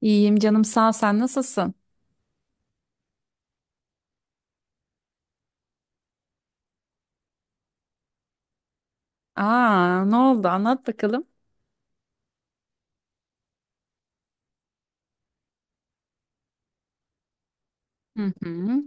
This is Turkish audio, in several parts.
İyiyim canım sağ ol. Sen nasılsın? Aa, ne oldu, anlat bakalım. Hı hı.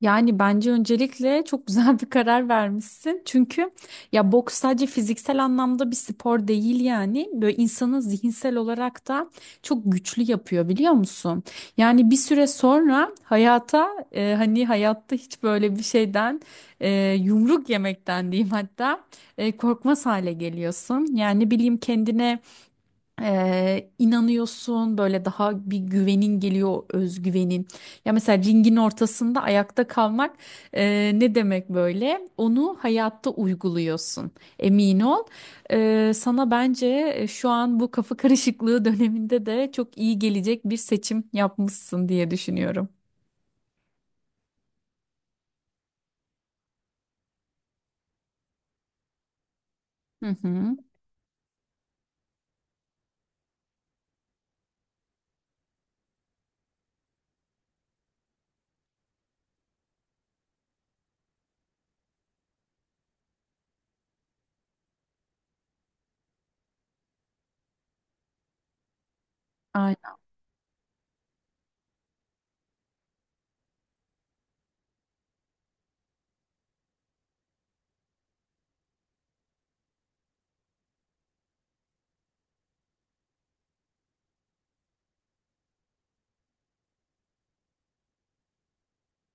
Yani bence öncelikle çok güzel bir karar vermişsin. Çünkü ya boks sadece fiziksel anlamda bir spor değil yani. Böyle insanı zihinsel olarak da çok güçlü yapıyor biliyor musun? Yani bir süre sonra hayata hani hayatta hiç böyle bir şeyden e, yumruk yemekten diyeyim hatta korkmaz hale geliyorsun. Yani ne bileyim, kendine inanıyorsun, böyle daha bir güvenin geliyor, özgüvenin. Ya mesela ringin ortasında ayakta kalmak ne demek böyle? Onu hayatta uyguluyorsun. Emin ol. Sana bence şu an bu kafa karışıklığı döneminde de çok iyi gelecek bir seçim yapmışsın diye düşünüyorum. Hı hı.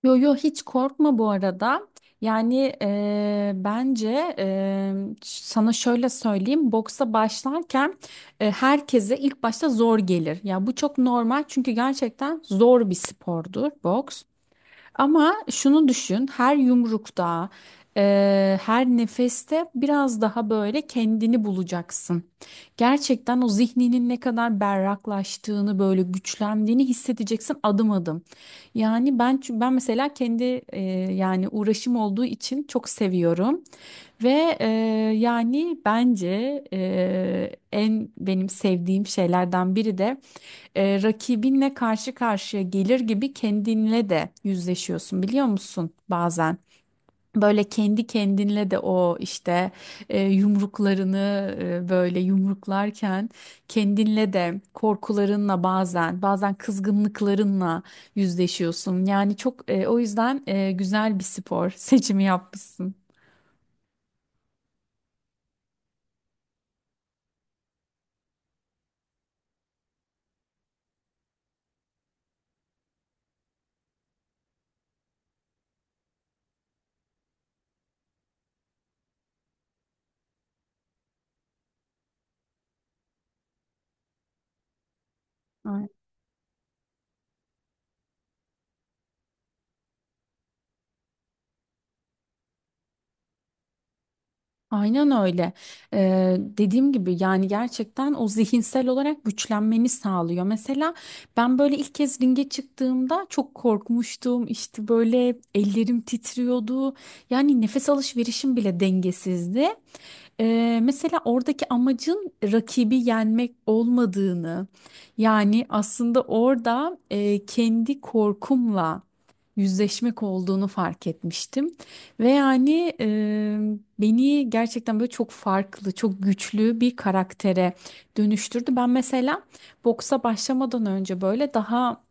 Yo yo, hiç korkma bu arada. Yani bence sana şöyle söyleyeyim. Boksa başlarken herkese ilk başta zor gelir. Ya bu çok normal, çünkü gerçekten zor bir spordur boks. Ama şunu düşün, her yumrukta, her nefeste biraz daha böyle kendini bulacaksın. Gerçekten o zihninin ne kadar berraklaştığını, böyle güçlendiğini hissedeceksin adım adım. Yani ben mesela kendi eee, yani uğraşım olduğu için çok seviyorum ve yani bence en benim sevdiğim şeylerden biri de rakibinle karşı karşıya gelir gibi kendinle de yüzleşiyorsun biliyor musun bazen? Böyle kendi kendinle de o işte yumruklarını böyle yumruklarken kendinle de, korkularınla, bazen kızgınlıklarınla yüzleşiyorsun. Yani çok o yüzden güzel bir spor seçimi yapmışsın. Aynen öyle. Dediğim gibi, yani gerçekten o zihinsel olarak güçlenmeni sağlıyor. Mesela ben böyle ilk kez ringe çıktığımda çok korkmuştum. İşte böyle ellerim titriyordu. Yani nefes alışverişim bile dengesizdi. Mesela oradaki amacın rakibi yenmek olmadığını, yani aslında orada kendi korkumla yüzleşmek olduğunu fark etmiştim. Ve yani beni gerçekten böyle çok farklı, çok güçlü bir karaktere dönüştürdü. Ben mesela boksa başlamadan önce böyle daha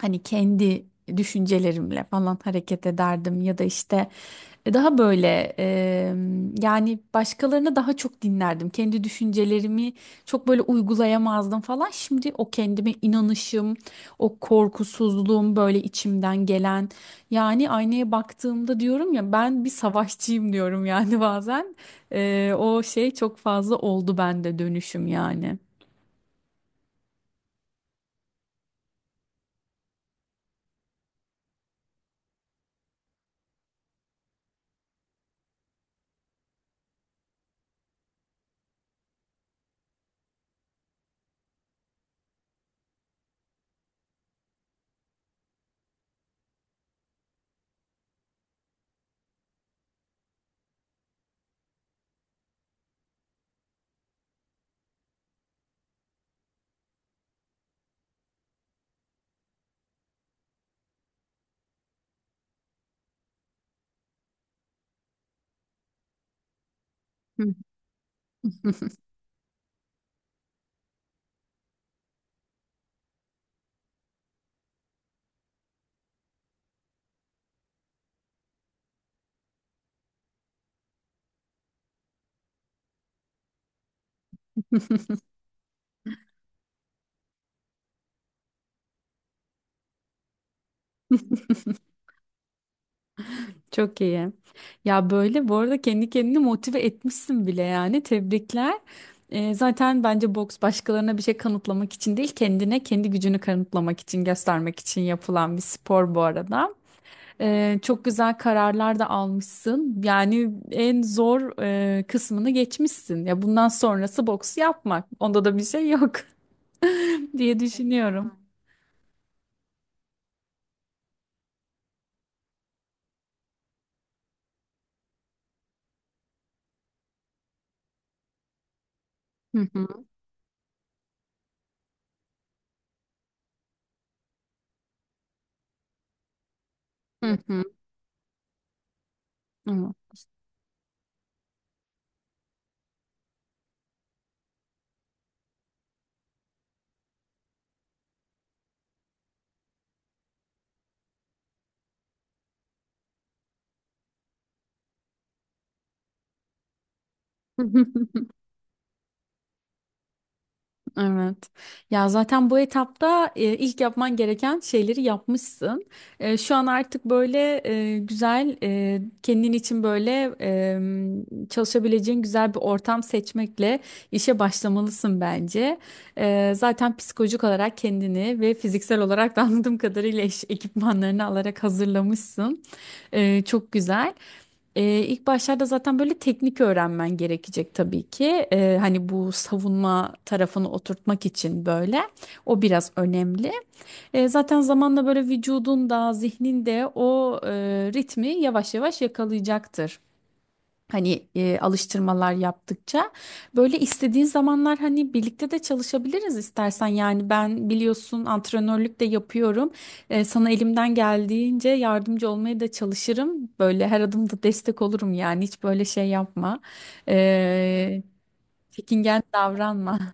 hani kendi düşüncelerimle falan hareket ederdim ya da işte daha böyle yani başkalarını daha çok dinlerdim. Kendi düşüncelerimi çok böyle uygulayamazdım falan. Şimdi o kendime inanışım, o korkusuzluğum böyle içimden gelen, yani aynaya baktığımda diyorum ya, ben bir savaşçıyım diyorum yani bazen. E, o şey çok fazla oldu bende, dönüşüm yani. Hı. Çok iyi. Ya böyle bu arada kendi kendini motive etmişsin bile yani. Tebrikler. Zaten bence boks başkalarına bir şey kanıtlamak için değil, kendine kendi gücünü kanıtlamak için, göstermek için yapılan bir spor bu arada. Çok güzel kararlar da almışsın. Yani en zor kısmını geçmişsin. Ya bundan sonrası boks yapmak. Onda da bir şey yok diye düşünüyorum. Hı hı, hı hı, hı. Evet. Ya zaten bu etapta ilk yapman gereken şeyleri yapmışsın. E, şu an artık böyle güzel kendin için böyle çalışabileceğin güzel bir ortam seçmekle işe başlamalısın bence. E, zaten psikolojik olarak kendini ve fiziksel olarak da, anladığım kadarıyla, ekipmanlarını alarak hazırlamışsın. E, çok güzel. İlk başlarda zaten böyle teknik öğrenmen gerekecek tabii ki. Hani bu savunma tarafını oturtmak için böyle. O biraz önemli. Zaten zamanla böyle vücudun da zihnin de o ritmi yavaş yavaş yakalayacaktır. Hani alıştırmalar yaptıkça böyle istediğin zamanlar hani birlikte de çalışabiliriz istersen, yani ben biliyorsun antrenörlük de yapıyorum. E, sana elimden geldiğince yardımcı olmaya da çalışırım, böyle her adımda destek olurum, yani hiç böyle şey yapma, E, çekingen davranma.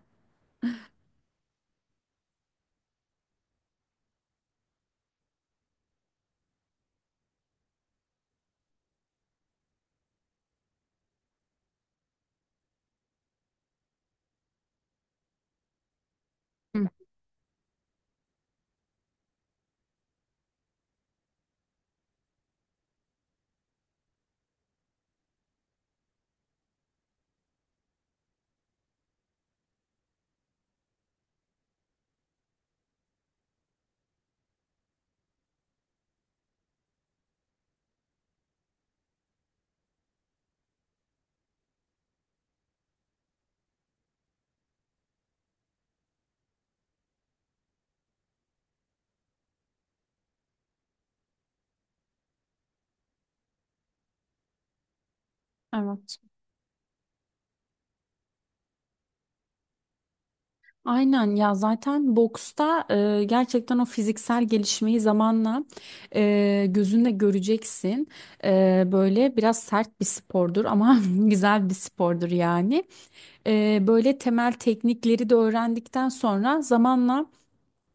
Evet. Aynen, ya zaten boksta gerçekten o fiziksel gelişmeyi zamanla gözünle göreceksin. E, böyle biraz sert bir spordur ama güzel bir spordur yani. E, böyle temel teknikleri de öğrendikten sonra zamanla,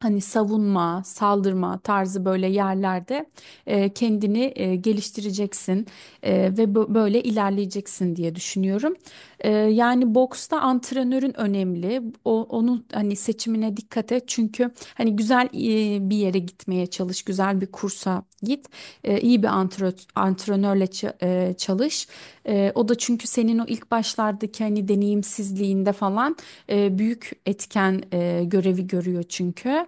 hani savunma, saldırma tarzı böyle yerlerde kendini geliştireceksin ve böyle ilerleyeceksin diye düşünüyorum. E, yani boksta antrenörün önemli. Onun hani seçimine dikkat et. Çünkü hani güzel bir yere gitmeye çalış, güzel bir kursa git. E, iyi bir antrenör, antrenörle çalış. E, o da çünkü senin o ilk başlardaki hani deneyimsizliğinde falan büyük etken görevi görüyor çünkü.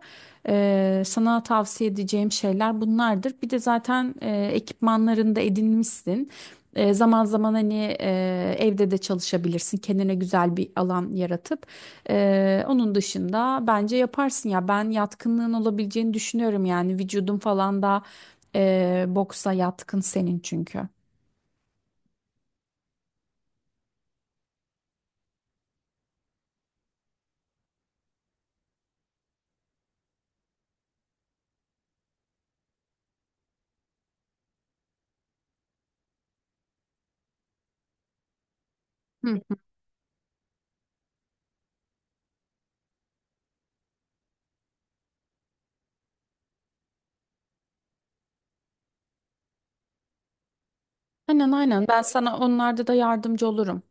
Sana tavsiye edeceğim şeyler bunlardır. Bir de zaten ekipmanlarını da edinmişsin. E, zaman zaman hani evde de çalışabilirsin. Kendine güzel bir alan yaratıp. E, onun dışında bence yaparsın ya. Ben yatkınlığın olabileceğini düşünüyorum yani. Vücudun falan da boksa yatkın senin çünkü. Hı. Aynen aynen. Ben sana onlarda da yardımcı olurum.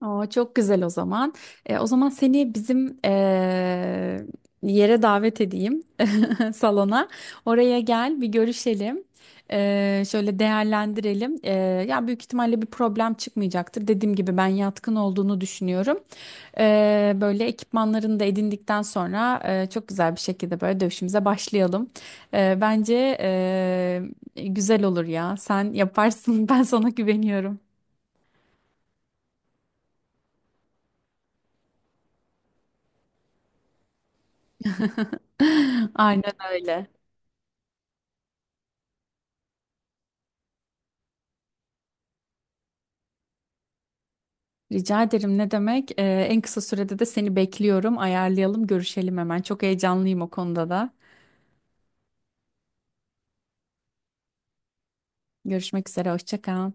Aa, çok güzel o zaman. E, o zaman seni bizim yere davet edeyim. Salona. Oraya gel bir görüşelim. Şöyle değerlendirelim. Ya büyük ihtimalle bir problem çıkmayacaktır. Dediğim gibi ben yatkın olduğunu düşünüyorum. Böyle ekipmanlarını da edindikten sonra çok güzel bir şekilde böyle dövüşümüze başlayalım. Bence güzel olur ya. Sen yaparsın. Ben sana güveniyorum. Aynen öyle. Rica ederim, ne demek? En kısa sürede de seni bekliyorum. Ayarlayalım, görüşelim hemen. Çok heyecanlıyım o konuda da. Görüşmek üzere. Hoşça kal.